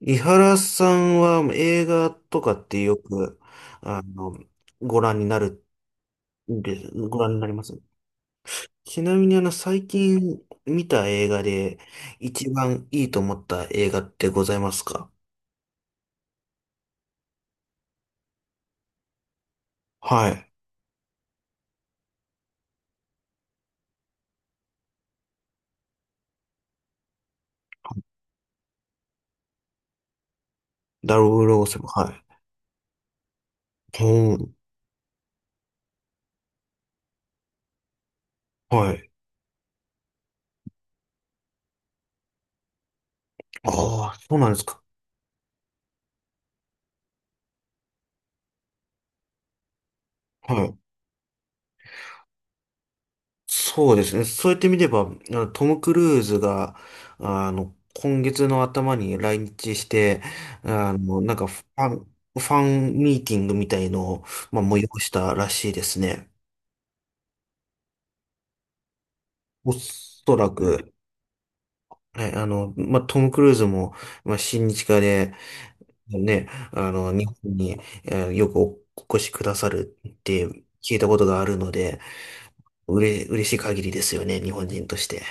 井原さんは映画とかってよく、あの、ご覧になるご覧になります。ちなみに最近見た映画で一番いいと思った映画ってございますか？はい。0ブ7。はい。うん、はい。ああ、そうなんですか。はい。そうですね。そうやって見れば、トム・クルーズが、今月の頭に来日して、なんかファンミーティングみたいのを、まあ、催したらしいですね。おそらく、はい、まあ、トム・クルーズも、まあ、親日家で、ね、日本に、よくお越しくださるって聞いたことがあるので、嬉しい限りですよね、日本人として。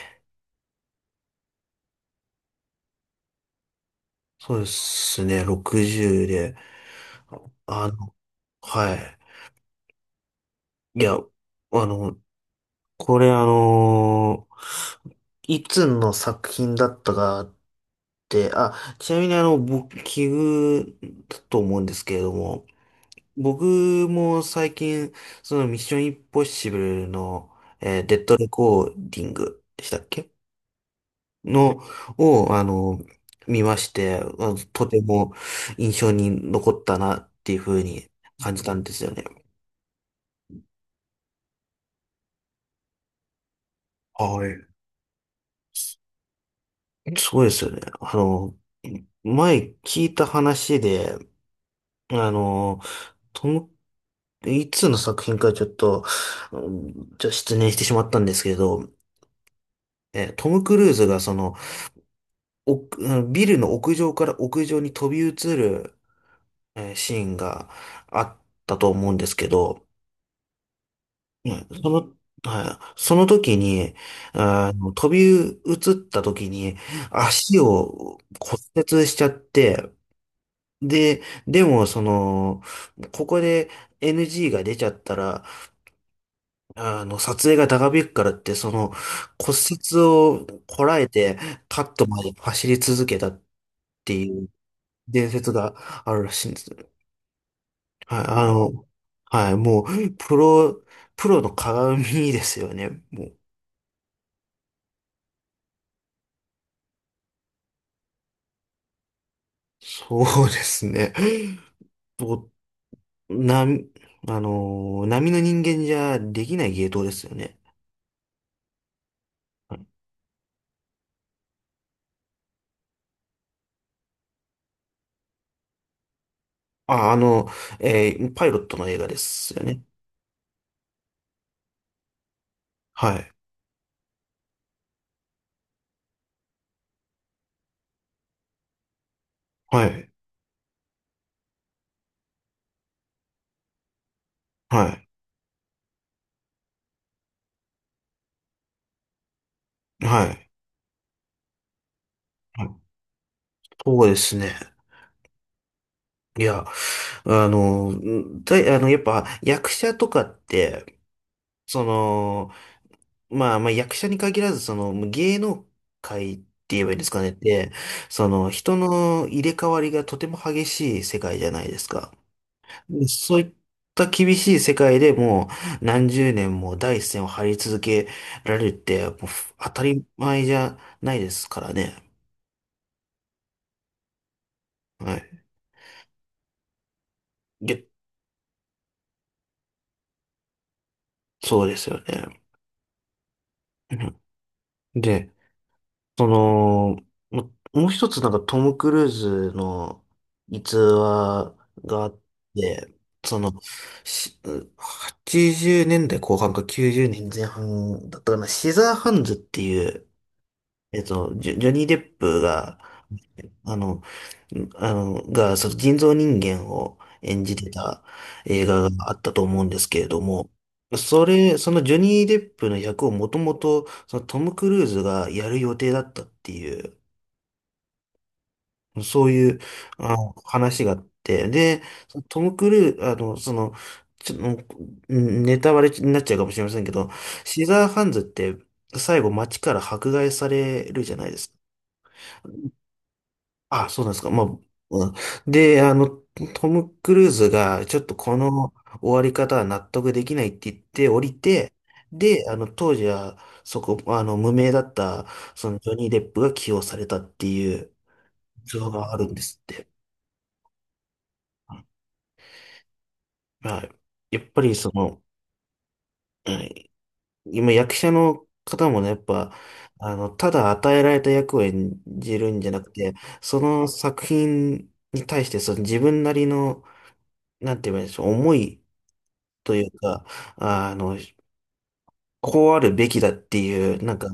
そうですね、60で。あの、はい。いや、の、これいつの作品だったかって、あ、ちなみに僕、奇遇だと思うんですけれども、僕も最近、そのミッションインポッシブルの、デッドレコーディングでしたっけの、を、見まして、まあのとても印象に残ったなっていうふうに感じたんですよね。はい。そうですよね。前聞いた話で、あの、トム、いつの作品かちょっと、うんちょっと失念してしまったんですけど、トム・クルーズがその、うんビルの屋上から屋上に飛び移る、シーンがあったと思うんですけど、うんその、はい、その時に、飛び移った時に足を骨折しちゃって、でも、その、ここで NG が出ちゃったら、撮影が長引くからって、その、骨折をこらえて、カットまで走り続けたっていう伝説があるらしいんです。はい、はい、もう、プロの鏡ですよね。もう、そうですね。もう、並の人間じゃできない芸当ですよね。あ、パイロットの映画ですよね。はい。はい。はい。はい。はい、そうですね。いや、あの、やっぱ役者とかって、その、まあまあ役者に限らず、その芸能界って言えばいいんですかねって、その人の入れ替わりがとても激しい世界じゃないですか。でそういった厳しい世界でもう何十年も第一線を張り続けられるって、もう当たり前じゃないですからね。はい。で、そうですよね。うんで、その、もう一つなんかトム・クルーズの逸話があって、その、し80年代後半か90年前半だったかな、シザーハンズっていう、ジョニー・デップが、あの、その人造人間を演じてた映画があったと思うんですけれども、そのジョニー・デップの役をもともと、そのトム・クルーズがやる予定だったっていう、そういう、話があって、で、そのトム・クルーズ、その、もうネタバレになっちゃうかもしれませんけど、シザーハンズって最後街から迫害されるじゃないですか。あ、そうなんですか。まあ、うんで、トム・クルーズが、ちょっとこの終わり方は納得できないって言って降りて、で、当時は、無名だった、そのジョニー・デップが起用されたっていう逸話があるんですって。はい。やっぱりその、はい、今役者の方もね、やっぱ、ただ与えられた役を演じるんじゃなくて、その作品に対して、その自分なりの、なんて言えばいいんでしょう、思い、というか、あの、こうあるべきだっていう、なんか、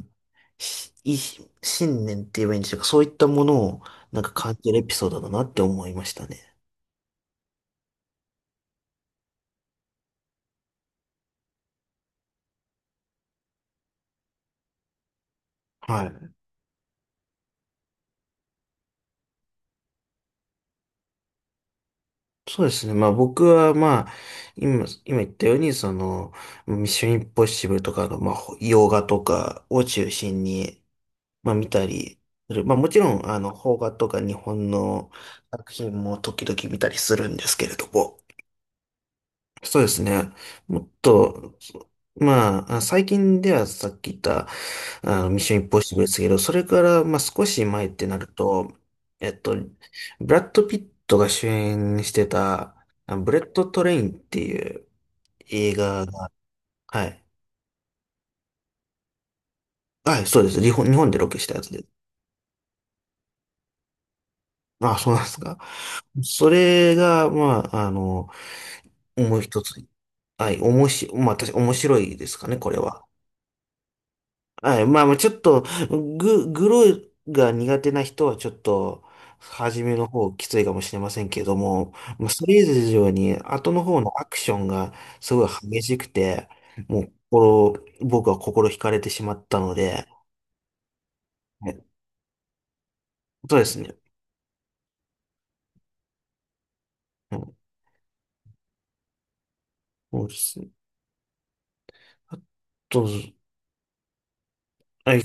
しい信念って言えばいいんでしょうか、そういったものを、なんか感じるエピソードだなって思いましたね。はい。そうですね。まあ僕はまあ、今言ったように、その、ミッションインポッシブルとかの、まあ、洋画とかを中心に、まあ見たりする、まあもちろん、邦画とか日本の作品も時々見たりするんですけれども、そうですね。もっと、まあ、最近ではさっき言った、ミッションインポッシブルですけど、それから、まあ、少し前ってなると、えっと、ブラッド・ピットが主演してた、ブレット・トレインっていう映画が、はい。はい、そうです。日本でロケしたやつです。あ、そうなんですか。それが、まあ、もう一つ、はい、おもし、まあ、私、面白いですかね、これは。はい。まあまあ、ちょっと、グロが苦手な人はちょっと、初めの方きついかもしれませんけども、まあそれ以上に、後の方のアクションがすごい激しくて、もう僕は心惹かれてしまったので、はい、そうですね。うん、そうですね。あと、はい、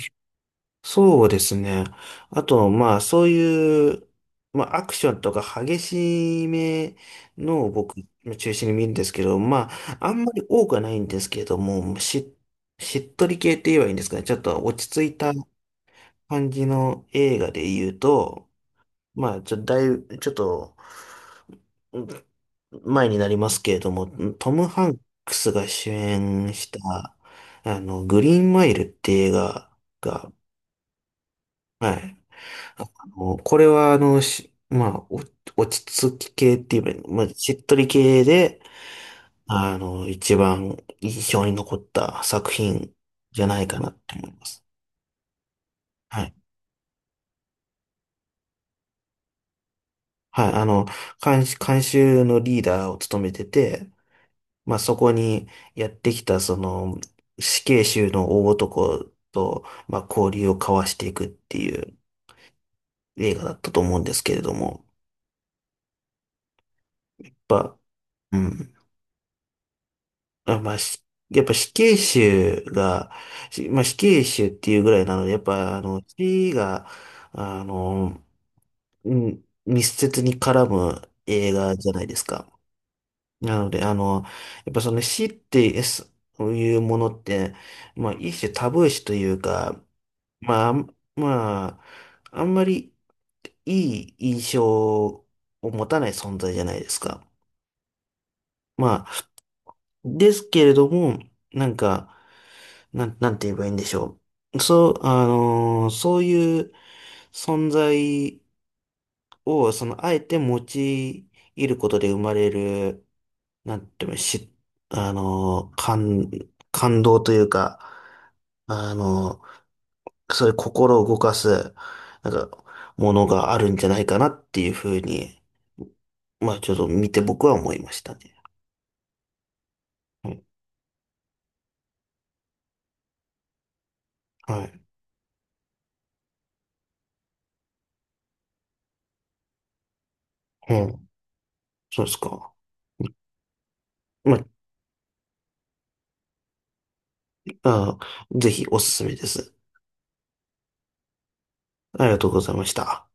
そうですね。あと、まあ、そういう、まあ、アクションとか激しめのを僕、中心に見るんですけど、まあ、あんまり多くはないんですけれども、しっとり系って言えばいいんですかね。ちょっと落ち着いた感じの映画で言うと、まあ、だいぶ、ちょっと、うん前になりますけれども、トム・ハンクスが主演した、グリーンマイルって映画が、はい。もうこれは、まあ、落ち着き系って言えば、まあ、しっとり系で、一番印象に残った作品じゃないかなって思います。はい。はい。監修のリーダーを務めてて、まあ、そこにやってきた、その、死刑囚の大男と、まあ、交流を交わしていくっていう映画だったと思うんですけれども、やっぱ、うん。あ、まあ、しやっぱ死刑囚が、しまあ、死刑囚っていうぐらいなので、やっぱ、死が、あの、うん密接に絡む映画じゃないですか。なので、やっぱその死ってそういうものって、まあ、一種タブー視というか、まあ、あんまりいい印象を持たない存在じゃないですか。まあ、ですけれども、なんか、なんて言えばいいんでしょう。そう、そういう存在を、その、あえて用いることで生まれる、なんて言うの、あのー感、感動というか、あのーそういう心を動かす、なんか、ものがあるんじゃないかなっていうふうに、まあ、ちょっと見て僕は思いましたね。はい。はい。うん。そうですか。まあ、ぜひおすすめです。ありがとうございました。